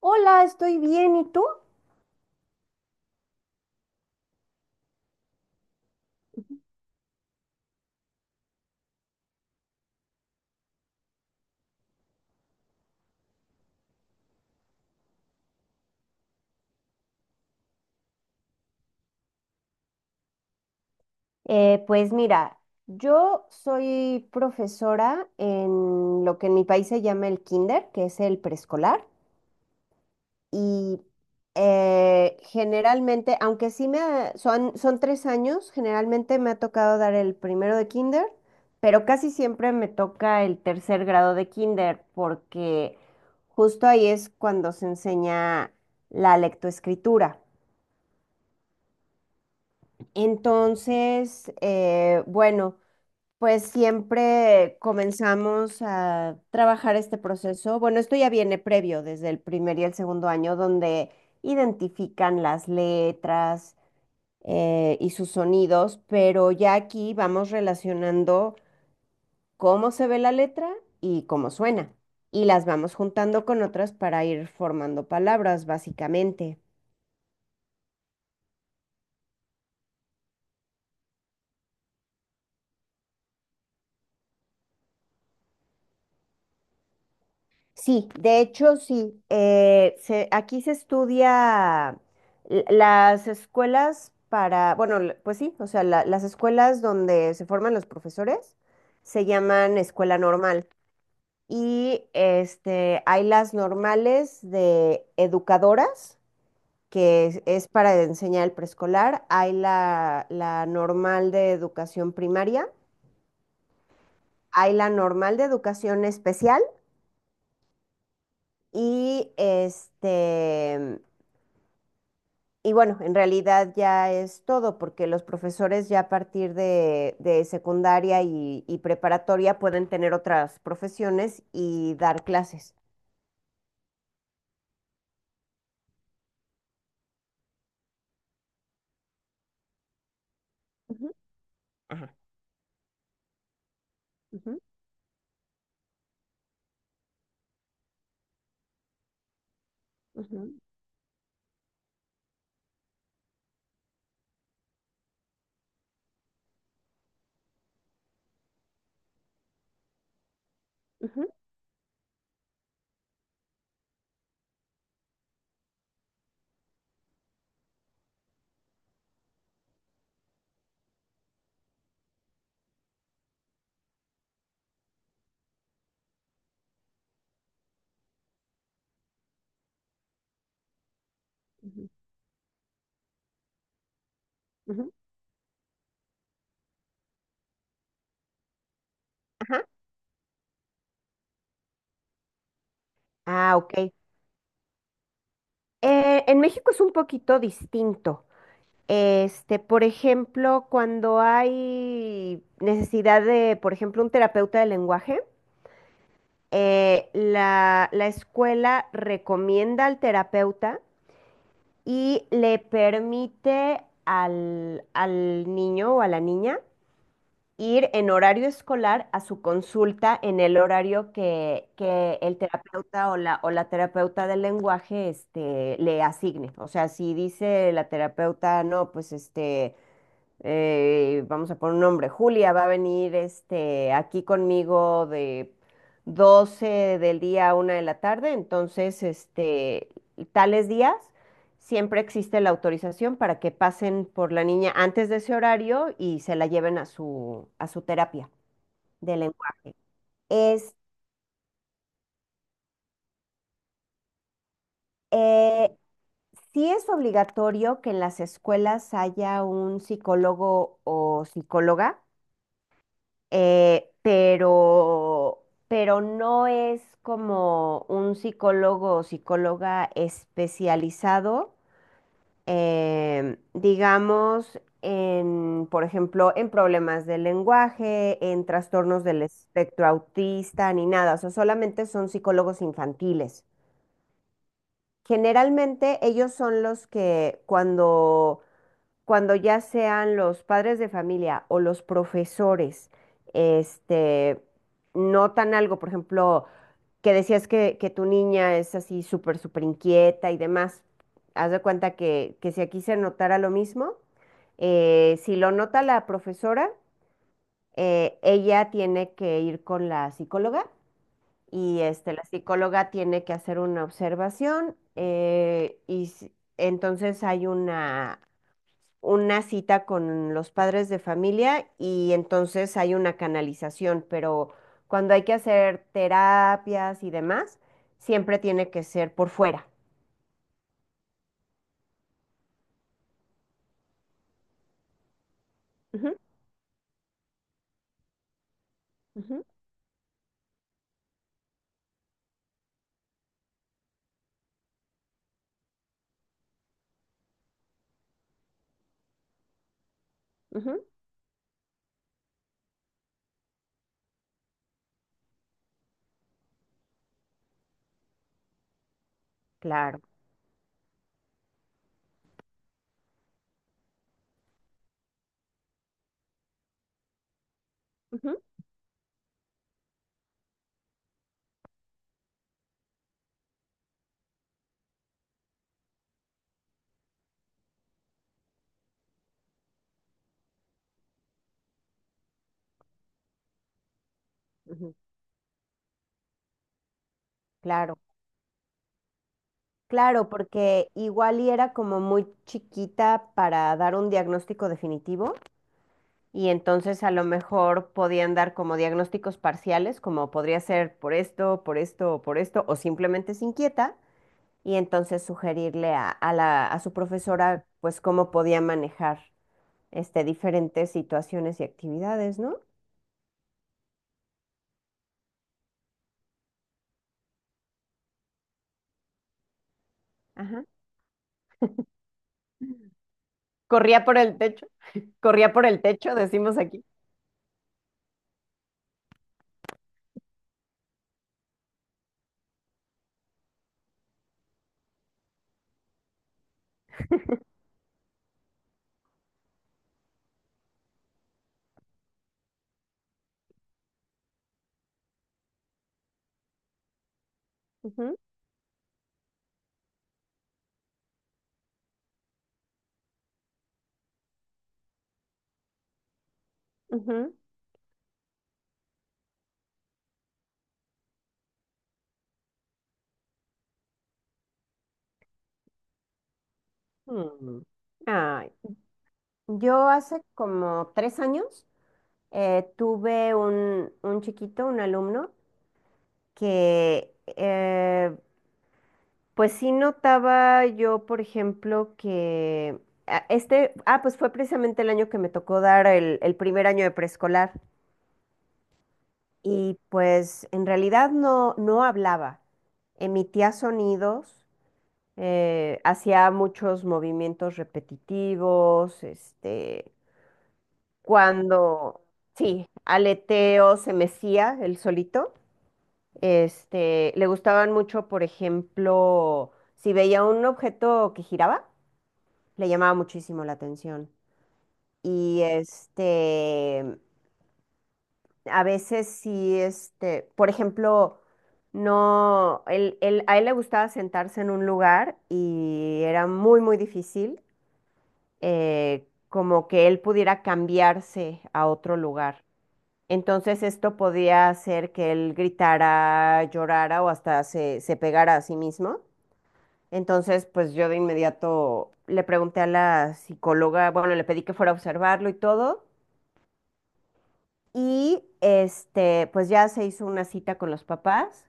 Hola, estoy bien. ¿Y tú? Pues mira, yo soy profesora en lo que en mi país se llama el kinder, que es el preescolar, y generalmente, aunque son 3 años, generalmente me ha tocado dar el primero de kinder, pero casi siempre me toca el tercer grado de kinder, porque justo ahí es cuando se enseña la lectoescritura. Entonces, bueno. Pues siempre comenzamos a trabajar este proceso. Bueno, esto ya viene previo desde el primer y el segundo año, donde identifican las letras, y sus sonidos, pero ya aquí vamos relacionando cómo se ve la letra y cómo suena. Y las vamos juntando con otras para ir formando palabras, básicamente. Sí, de hecho sí. Aquí se estudia las escuelas para, bueno, pues sí, o sea, las escuelas donde se forman los profesores se llaman escuela normal y este, hay las normales de educadoras, que es para enseñar el preescolar, hay la normal de educación primaria, hay la normal de educación especial y este... Y bueno, en realidad ya es todo, porque los profesores ya a partir de secundaria y preparatoria pueden tener otras profesiones y dar clases. Ujú, ujú, ujú, ujú, ujú, ujú. Ajá. Ah, ok. En México es un poquito distinto. Este, por ejemplo, cuando hay necesidad de, por ejemplo, un terapeuta de lenguaje, la, la escuela recomienda al terapeuta y le permite al, al niño o a la niña ir en horario escolar a su consulta en el horario que el terapeuta o la terapeuta del lenguaje este, le asigne. O sea, si dice la terapeuta, no, pues este vamos a poner un nombre, Julia va a venir este, aquí conmigo de 12 del día a una de la tarde, entonces este, tales días siempre existe la autorización para que pasen por la niña antes de ese horario y se la lleven a su terapia de lenguaje. Es, eh, sí es obligatorio que en las escuelas haya un psicólogo o psicóloga, pero no es como un psicólogo o psicóloga especializado, digamos, en, por ejemplo, en problemas del lenguaje, en trastornos del espectro autista, ni nada, o sea, solamente son psicólogos infantiles. Generalmente ellos son los que cuando cuando ya sean los padres de familia o los profesores, este, notan algo, por ejemplo, que decías que tu niña es así súper, súper inquieta y demás, haz de cuenta que si aquí se notara lo mismo, si lo nota la profesora, ella tiene que ir con la psicóloga y este, la psicóloga tiene que hacer una observación, entonces hay una cita con los padres de familia y entonces hay una canalización, pero cuando hay que hacer terapias y demás, siempre tiene que ser por fuera. Ujú, ujú, ujú. Claro. Ujú, ujú. Claro, claro, porque igual y era como muy chiquita para dar un diagnóstico definitivo y entonces a lo mejor podían dar como diagnósticos parciales, como podría ser por esto, o simplemente es inquieta. Y entonces sugerirle a la, a su profesora pues cómo podía manejar este, diferentes situaciones y actividades, ¿no? Ajá. Corría por el techo, corría por el techo, decimos aquí. Ujú, ujú. Mm. Ay, yo hace como 3 años tuve un chiquito, un alumno, que pues sí notaba yo, por ejemplo, que este, pues fue precisamente el año que me tocó dar el primer año de preescolar y pues en realidad no, no hablaba, emitía sonidos, hacía muchos movimientos repetitivos, este, cuando, sí, aleteo, se mecía el solito, este, le gustaban mucho, por ejemplo, si veía un objeto que giraba le llamaba muchísimo la atención. Y este, a veces sí, este, por ejemplo, no, él, a él le gustaba sentarse en un lugar y era muy, muy difícil, como que él pudiera cambiarse a otro lugar. Entonces esto podía hacer que él gritara, llorara o hasta se, se pegara a sí mismo. Entonces, pues yo de inmediato le pregunté a la psicóloga, bueno, le pedí que fuera a observarlo y todo, y este, pues ya se hizo una cita con los papás,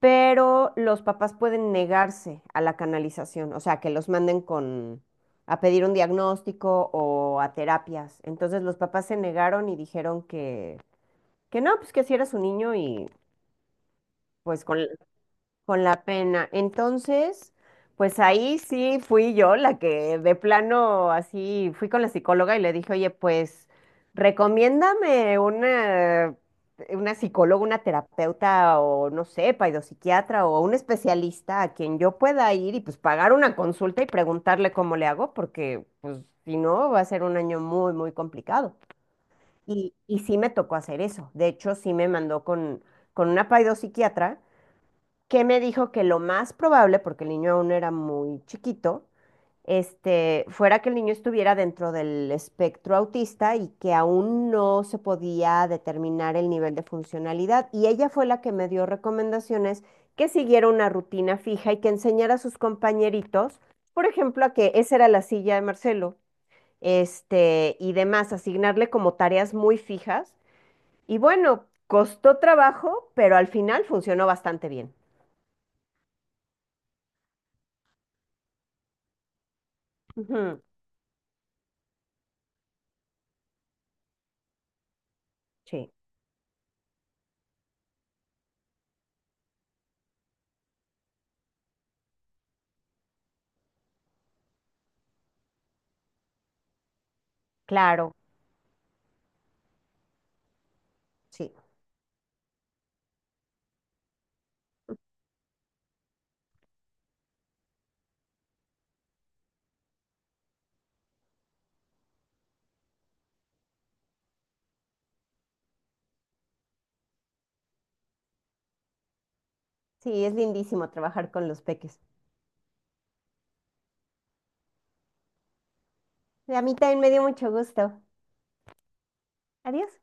pero los papás pueden negarse a la canalización, o sea, que los manden con a pedir un diagnóstico o a terapias. Entonces, los papás se negaron y dijeron que no, pues que si era su niño y pues con la pena. Entonces, pues ahí sí fui yo la que de plano así fui con la psicóloga y le dije, oye, pues recomiéndame una psicóloga, una terapeuta o no sé, psiquiatra o un especialista a quien yo pueda ir y pues pagar una consulta y preguntarle cómo le hago, porque pues si no va a ser un año muy, muy complicado. Y sí me tocó hacer eso. De hecho, sí me mandó con una psiquiatra que me dijo que lo más probable, porque el niño aún era muy chiquito, este, fuera que el niño estuviera dentro del espectro autista y que aún no se podía determinar el nivel de funcionalidad. Y ella fue la que me dio recomendaciones que siguiera una rutina fija y que enseñara a sus compañeritos, por ejemplo, a que esa era la silla de Marcelo, este, y demás, asignarle como tareas muy fijas. Y bueno, costó trabajo, pero al final funcionó bastante bien. Ujú. Sí, claro, sí. Sí, es lindísimo trabajar con los peques. A mí también me dio mucho gusto. Adiós.